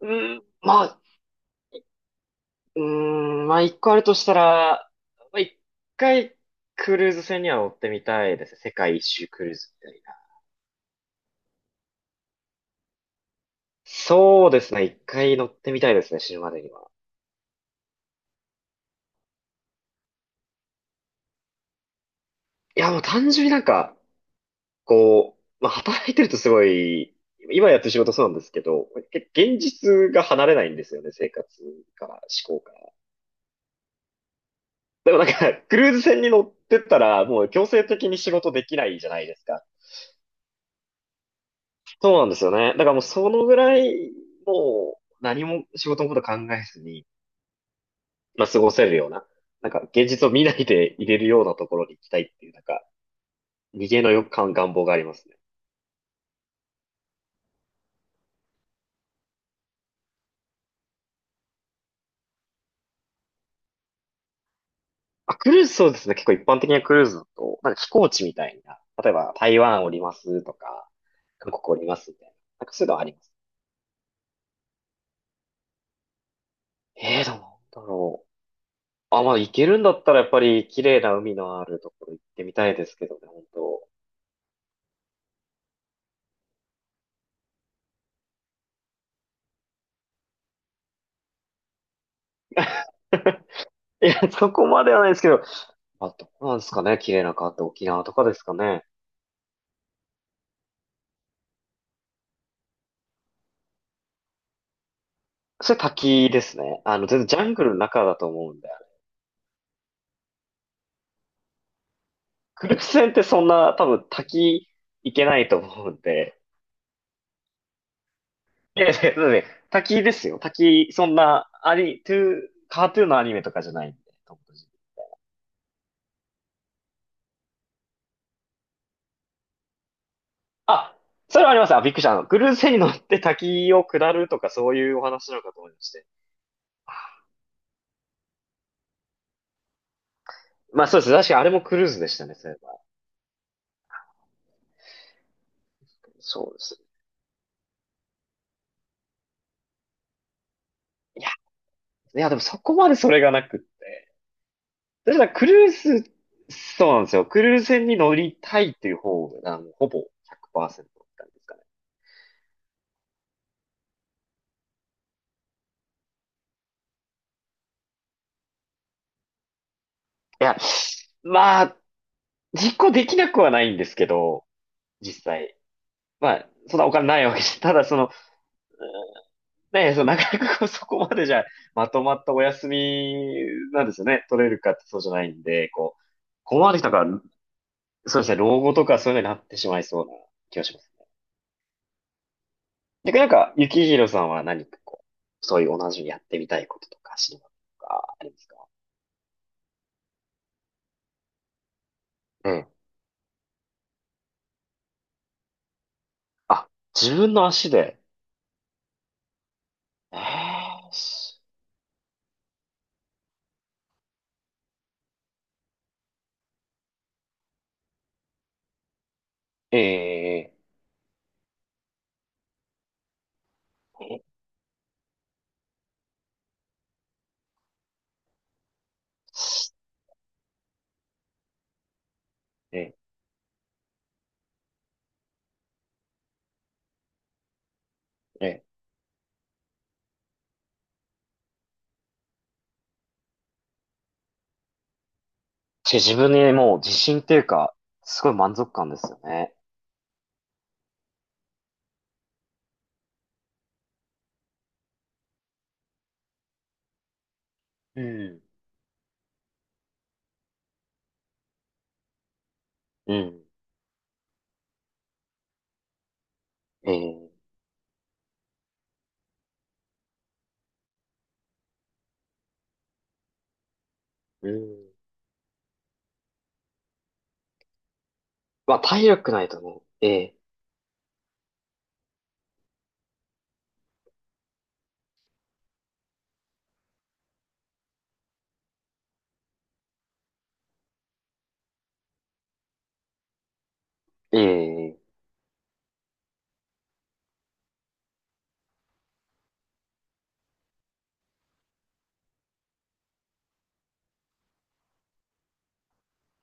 まあ、うーまあ一個あるとしたら、まあ一回クルーズ船には乗ってみたいですね。世界一周クルーズみたいな。そうですね。一回乗ってみたいですね。死ぬまでには。いや、もう単純になんか、こう、まあ働いてるとすごい、今やってる仕事そうなんですけど、現実が離れないんですよね。生活から思考から。でもなんか、クルーズ船に乗ってったら、もう強制的に仕事できないじゃないですか。そうなんですよね。だからもうそのぐらい、もう何も仕事のこと考えずに、まあ過ごせるような、なんか現実を見ないで入れるようなところに行きたいっていう、なんか逃げの欲感、願望がありますね。あ、クルーズそうですね。結構一般的なクルーズだと、なんか飛行地みたいな、例えば台湾おりますとか、韓国おりますみたいな、なんかそういうのはあります。ええー、どうなんだろう。あ、まあ行けるんだったらやっぱり綺麗な海のあるところ行ってみたいですけどね、本当。いや、そこまではないですけど、あ、どうなんですかね。綺麗な川って沖縄とかですかね。それ滝ですね。あの、全然ジャングルの中だと思うんで。クルーズ船ってそんな多分滝行けないと思うんで。いやいや、だって滝ですよ。滝、そんな、アニ、トゥー、カートゥーンのアニメとかじゃないんで。トムとジェリー。あ、それはあります。あ、びっくりした。あの、クルーズ船に乗って滝を下るとかそういうお話なのかと思いまして。まあそうです。確かにあれもクルーズでしたね、そういえば。そうです。いや、いやでもそこまでそれがなくって。だからクルーズ、そうなんですよ。クルーズ船に乗りたいっていう方が、あの、ほぼ100%って感ですかね。いや、まあ、実行できなくはないんですけど、実際。まあ、そんなお金ないわけじゃ、ただその、ね、そのなかなかこうそこまでじゃ、まとまったお休みなんですよね。取れるかってそうじゃないんで、こう、ここまで来たから、そうですね、老後とかそういうのになってしまいそうな気がします。逆になんか、ゆきひろさんは何かこう、そういう同じようにやってみたいこととか、知りたいこととか、ありますか？ええ。あ、自分の足で。えーしえええええええし自分にもう自信っていうか、すごい満足感ですよね。うん。うん。ええ、うん。まあ、体力ないとね。ええええ、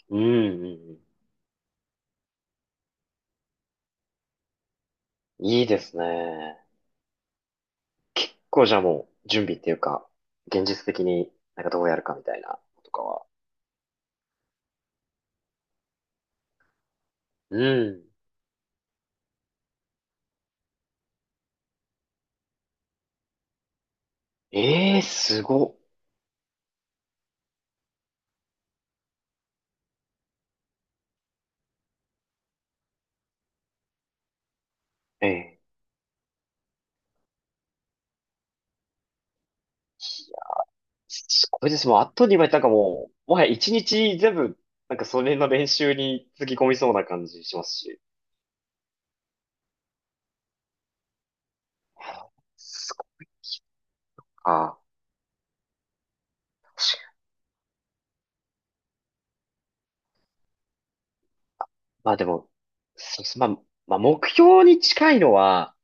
うん、うんうん。いいですね。こうじゃあもう、準備っていうか、現実的になんかどうやるかみたいなことかは。うん。ええー、すごっ。ええ、いや、すごいです。もう、あとにういなんかもう、もはや一日全部、なんかそれの練習につぎ込みそうな感じしますし。すごっか。まあでも、そうです。まあ、まあ、目標に近いのは、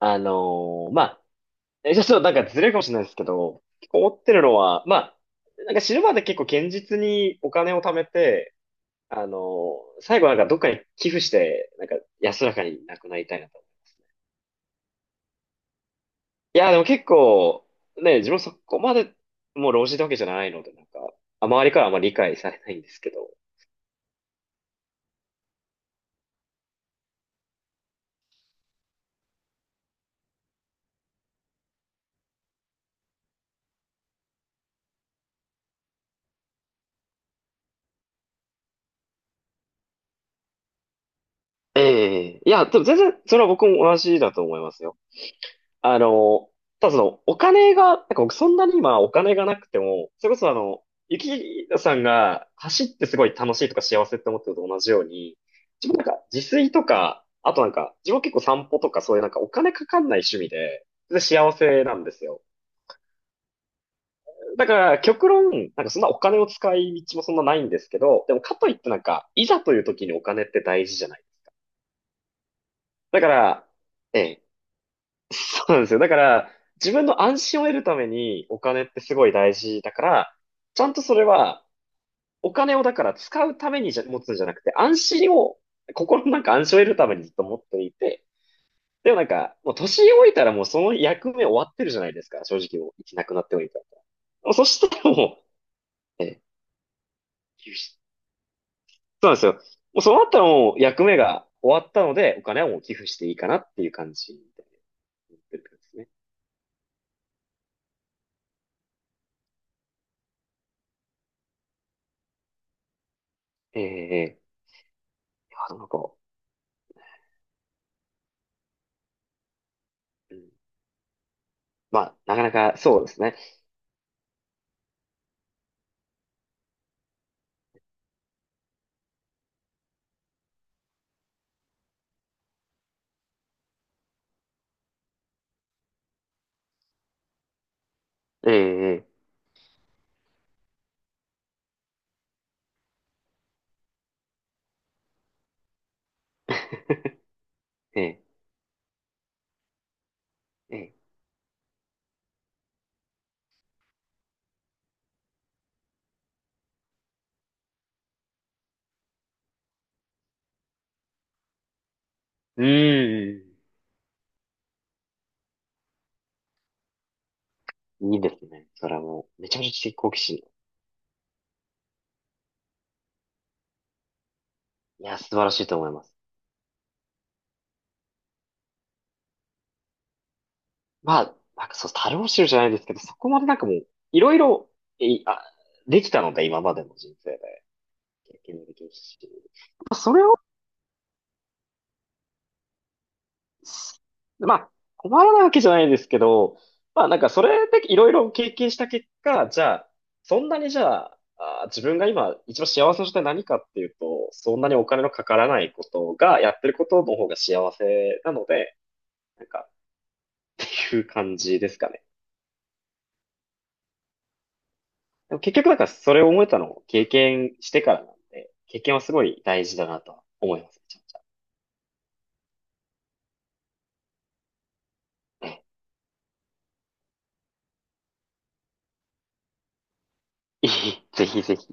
あのーまあ、ちょっとなんかずれるかもしれないですけど、結構思ってるのは、まあ、なんか死ぬまで結構堅実にお金を貯めて、あのー最後なんかどっかに寄付して、なんか安らかに亡くなりたいなと。いや、でも結構、ね、自分そこまで、もう老人ってわけじゃないので、なんか、あ、周りからはあんまり理解されないんですけど。ええ、いや、でも全然、それは僕も同じだと思いますよ。あの、ただその、お金が、なんか僕そんなに今お金がなくても、それこそあの、ゆきさんが走ってすごい楽しいとか幸せって思ってるのと同じように、自分なんか自炊とか、あとなんか、自分結構散歩とかそういうなんかお金かかんない趣味で、全然幸せなんですよ。だから、極論、なんかそんなお金を使い道もそんなないんですけど、でもかといってなんか、いざという時にお金って大事じゃない。だから、ええ、そうなんですよ。だから、自分の安心を得るためにお金ってすごい大事だから、ちゃんとそれは、お金をだから使うためにじゃ持つんじゃなくて、安心を、心のなんか安心を得るためにずっと持っていて、でもなんか、もう年老いたらもうその役目終わってるじゃないですか、正直もう生きなくなっておいたら。もうそしたらもう、ええ、そうなんですよ。もうそうなったらもう役目が終わったので、お金はもう寄付していいかなっていう感じで思ってる感じですね。ええええ、いや、なんか、うん、まあ、なかなかそうですね。ええええええええ、うーん。いいですね。それはもう、めちゃめちゃ知的好奇心。いや、素晴らしいと思います。まあ、なんかそう、樽を知るじゃないですけど、そこまでなんかもう、いろいろ、えいあ、できたので、今までの人生で、経験もできるし。それをまあ、困らないわけじゃないですけど、まあなんかそれでいろいろ経験した結果、じゃあ、そんなにじゃあ、あー自分が今一番幸せな状態何かっていうと、そんなにお金のかからないことが、やってることの方が幸せなので、なんかっていう感じですかね。でも結局なんかそれを思えたのを経験してからなんで、経験はすごい大事だなとは思います。めちゃめちゃ。え、いい、ぜひぜひ。